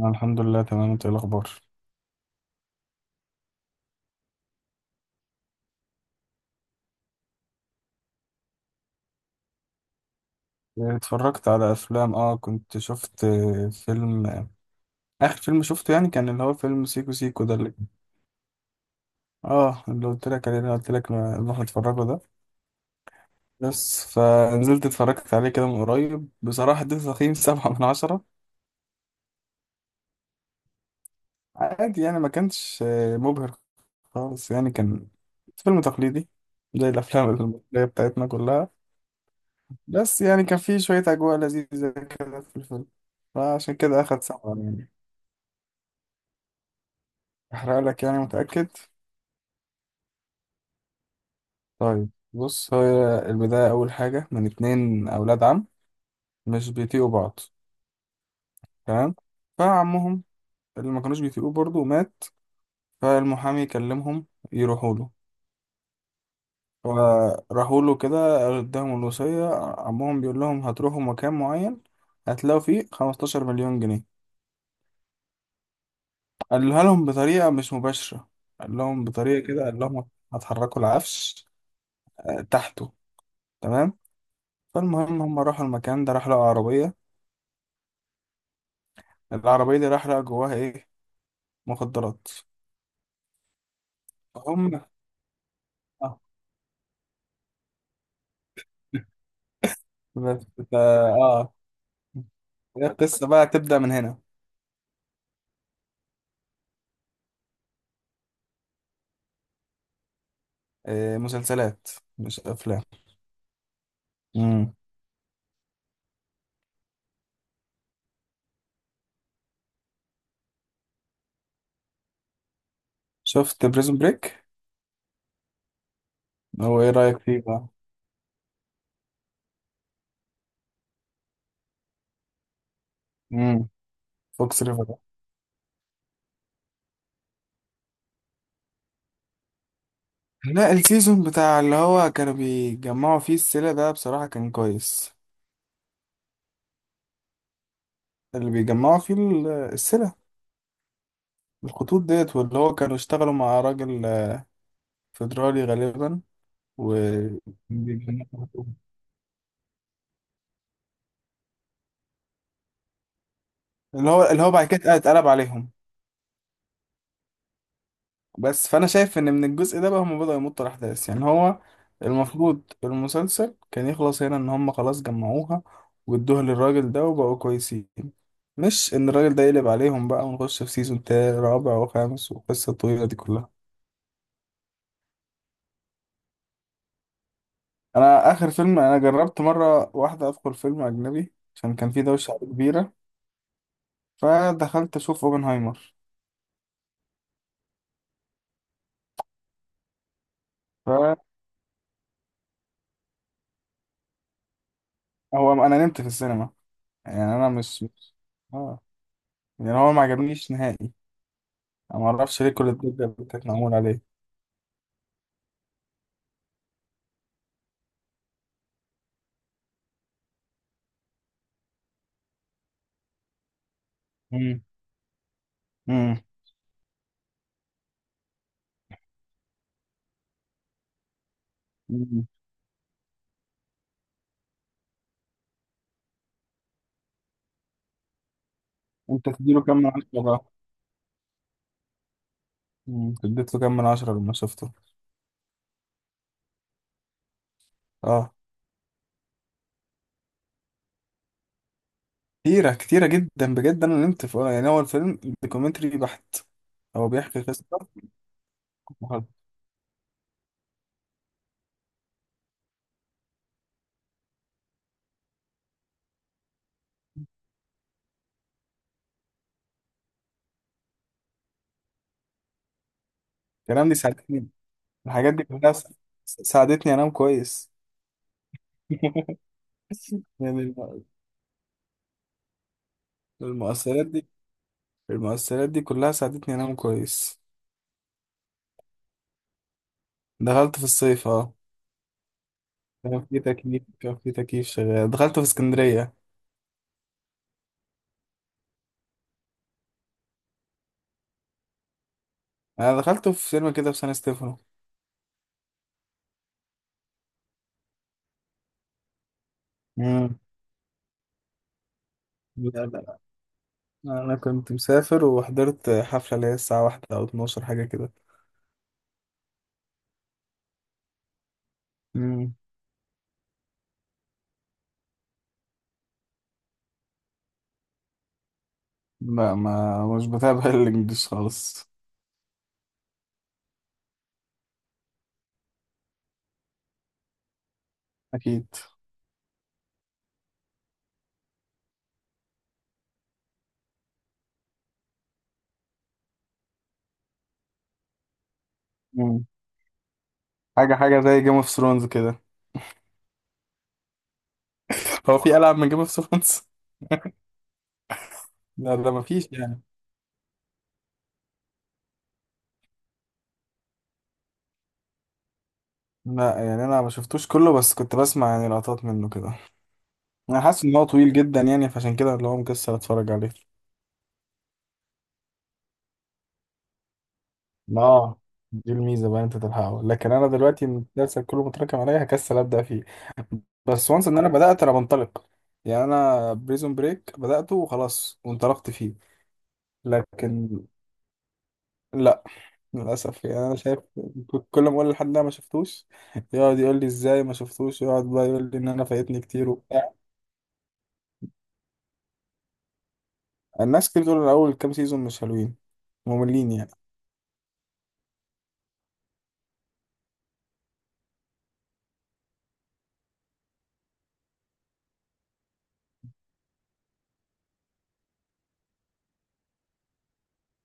أنا الحمد لله تمام. انت ايه الاخبار؟ اتفرجت على افلام، كنت شفت فيلم. اخر فيلم شفته يعني كان اللي هو فيلم سيكو سيكو ده اللي، اه اللي قلت لك عليه، اللي قلت لك نروح نتفرجه ده. بس فنزلت اتفرجت عليه كده من قريب، بصراحة اديته تقييم 7/10. عادي يعني ما كانش مبهر خالص، يعني كان فيلم تقليدي زي الافلام المصرية بتاعتنا كلها. بس يعني كان فيه شوية اجواء لذيذة كده في الفيلم، فعشان كده اخد 7 يعني. احرق لك يعني، متأكد؟ طيب بص، هي البداية أول حاجة من 2 أولاد عم مش بيطيقوا بعض، تمام، فعمهم اللي ما كانوش بيطيقوه برضه مات. فالمحامي كلمهم يروحوا له، فراحوا له كده، اداهم الوصية. عمهم بيقول لهم هتروحوا مكان معين، هتلاقوا فيه 15 مليون جنيه. قالها لهم بطريقة مش مباشرة، قال لهم بطريقة كده، قال لهم هتحركوا العفش، تحته، تمام. فالمهم هم راحوا المكان ده، راح لقوا عربية، العربية دي راح لقى جواها إيه؟ مخدرات. هم. آه. بس، هي القصة بقى تبدأ من هنا. إيه، مسلسلات مش أفلام. مم. شفت بريزون بريك. هو إيه رأيك فيه بقى؟ مم. فوكس ريفر. لا، السيزون بتاع اللي هو كانوا بيجمعوا فيه السلة ده بصراحة كان كويس. اللي بيجمعوا فيه السلة، الخطوط ديت، واللي هو كانوا اشتغلوا مع راجل فيدرالي غالبا. و اللي هو بعد كده اتقلب عليهم. بس فانا شايف ان من الجزء ده بقى هم بدأوا يمطوا الاحداث، يعني هو المفروض المسلسل كان يخلص هنا، ان هم خلاص جمعوها وادوها للراجل ده وبقوا كويسين، مش ان الراجل ده يقلب عليهم بقى ونخش في سيزون تاني رابع وخامس والقصة الطويلة دي كلها. انا اخر فيلم انا جربت مرة واحدة ادخل فيلم اجنبي عشان كان في دوشة كبيرة، فدخلت اشوف اوبنهايمر. فهو انا نمت في السينما، يعني انا. اه يعني هو ما عجبنيش نهائي. انا ما اعرفش ليه كل الضجه كانت معمول عليه. امم امم أمم. انت تديله كام من عشرة بقى؟ اديت له كام من عشرة لما شفته؟ اه، كتيره كتيره جدا بجد، انا نمت في، يعني هو الفيلم دوكيومنتري بحت، هو بيحكي قصه وخلاص. الكلام دي ساعدتني، الحاجات دي كلها سا- ساعدتني انام كويس. يعني الم- المؤثرات دي المؤثرات دي كلها ساعدتني انام كويس. دخلت في الصيف، اه. كان في تكييف شغال. دخلت في اسكندريه. انا دخلته في سينما كده في سان ستيفانو. مم. لا لا، لا انا كنت مسافر وحضرت حفله اللي هي الساعه واحدة او 12 حاجه كده. مم. ما مش بتابع الانجليش خالص. اكيد. مم. حاجه زي جيم اوف ثرونز كده. هو في العاب من جيم اوف ثرونز؟ لا، ده ما فيش يعني. لا يعني انا ما شفتوش كله، بس كنت بسمع يعني لقطات منه كده. انا حاسس ان هو طويل جدا، يعني فعشان كده اللي هو مكسل اتفرج عليه. اه، دي الميزه بقى، انت تلحقه، لكن انا دلوقتي المسلسل كله متراكم عليا هكسل ابدا فيه. بس وانس ان انا بدات بنطلق، يعني انا بريزون بريك بداته وخلاص وانطلقت فيه. لكن لا، للاسف يعني انا شايف، كل ما اقول لحد ده ما شفتوش يقعد يقول لي ازاي ما شفتوش، يقعد بقى يقول لي ان انا فايتني كتير وبتاع. الناس كتير بتقول اول كام سيزون مش حلوين، مملين يعني.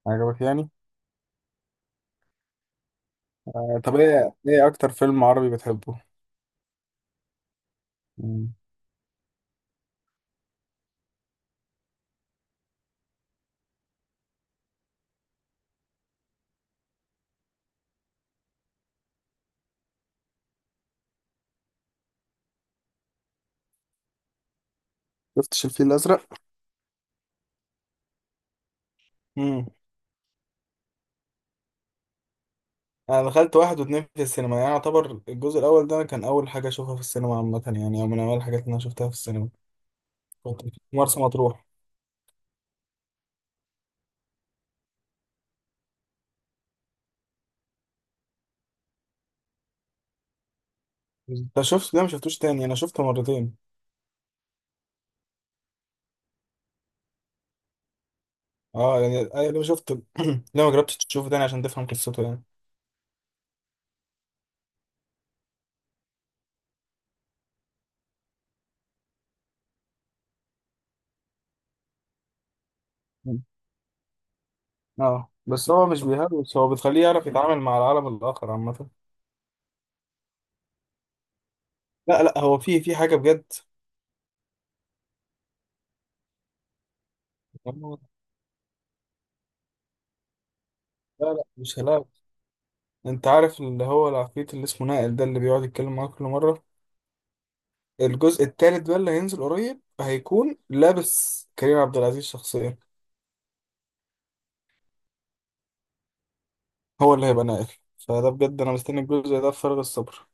عجبك يعني؟ آه، طب ايه اكتر فيلم عربي بتحبه؟ مم. شفتش الفيل الازرق؟ مم. انا دخلت واحد واتنين في السينما، يعني يعتبر الجزء الاول ده كان اول حاجه اشوفها في السينما عامه، يعني او من اول الحاجات اللي انا شفتها في السينما. كنت في مرسى مطروح. ده شفت، ده ما شفتوش تاني، انا شفته مرتين. اه يعني أنا لما شفت ليه ما جربتش تشوفه تاني عشان تفهم قصته يعني. اه، بس هو مش بيهلوس، هو بتخليه يعرف يتعامل مع العالم الاخر عامه. لا لا، هو في حاجه بجد. لا لا، مش هلاوي. انت عارف اللي هو العفريت اللي اسمه نائل ده اللي بيقعد يتكلم معاك كل مره. الجزء التالت بقى اللي هينزل قريب هيكون لابس كريم عبد العزيز شخصيا، هو اللي هيبقى ناقل. فده بجد انا مستني الجزء ده بفارغ الصبر.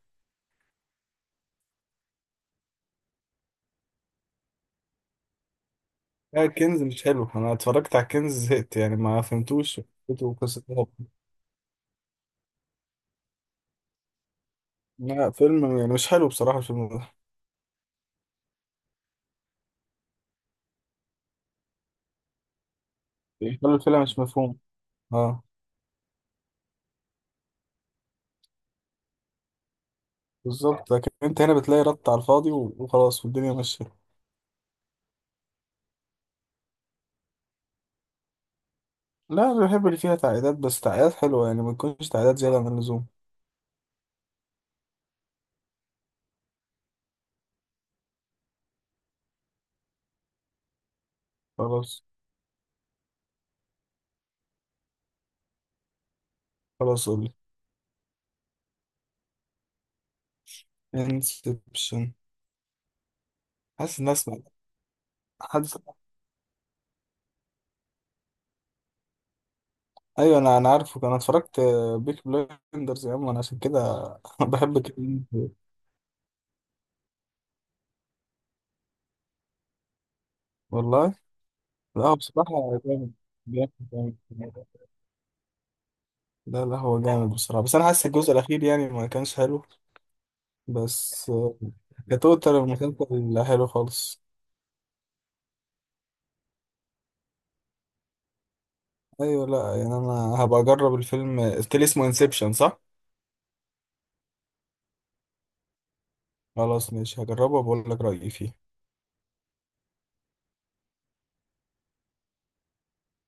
لا، الكنز مش حلو. انا اتفرجت على الكنز زهقت يعني، ما فهمتوش فكرته وقصته. لا فيلم يعني مش حلو بصراحة الفيلم ده. الفيلم مش مفهوم. اه بالظبط، لكن انت هنا بتلاقي رد على الفاضي وخلاص والدنيا ماشية. لا، انا بحب اللي فيها تعقيدات، بس تعقيدات حلوة، يعني ما تكونش تعقيدات زيادة عن اللزوم. خلاص. خلاص قولي. انسبشن. حاسس الناس. حد. ايوه، انا عارفه، انا اتفرجت بيك بلايندرز يا عم، انا عشان كده. بحب كده. والله. لا هو بصراحه جامد جامد جامد جامد. لا لا، هو جامد بصراحه، بس انا حاسس الجزء الاخير يعني ما كانش حلو. بس، كتوتال المسلسل حلو خالص. ايوه، لا يعني انا هبقى اجرب الفيلم. قلت لي اسمه انسبشن صح؟ خلاص ماشي، هجربه وبقول لك رايي فيه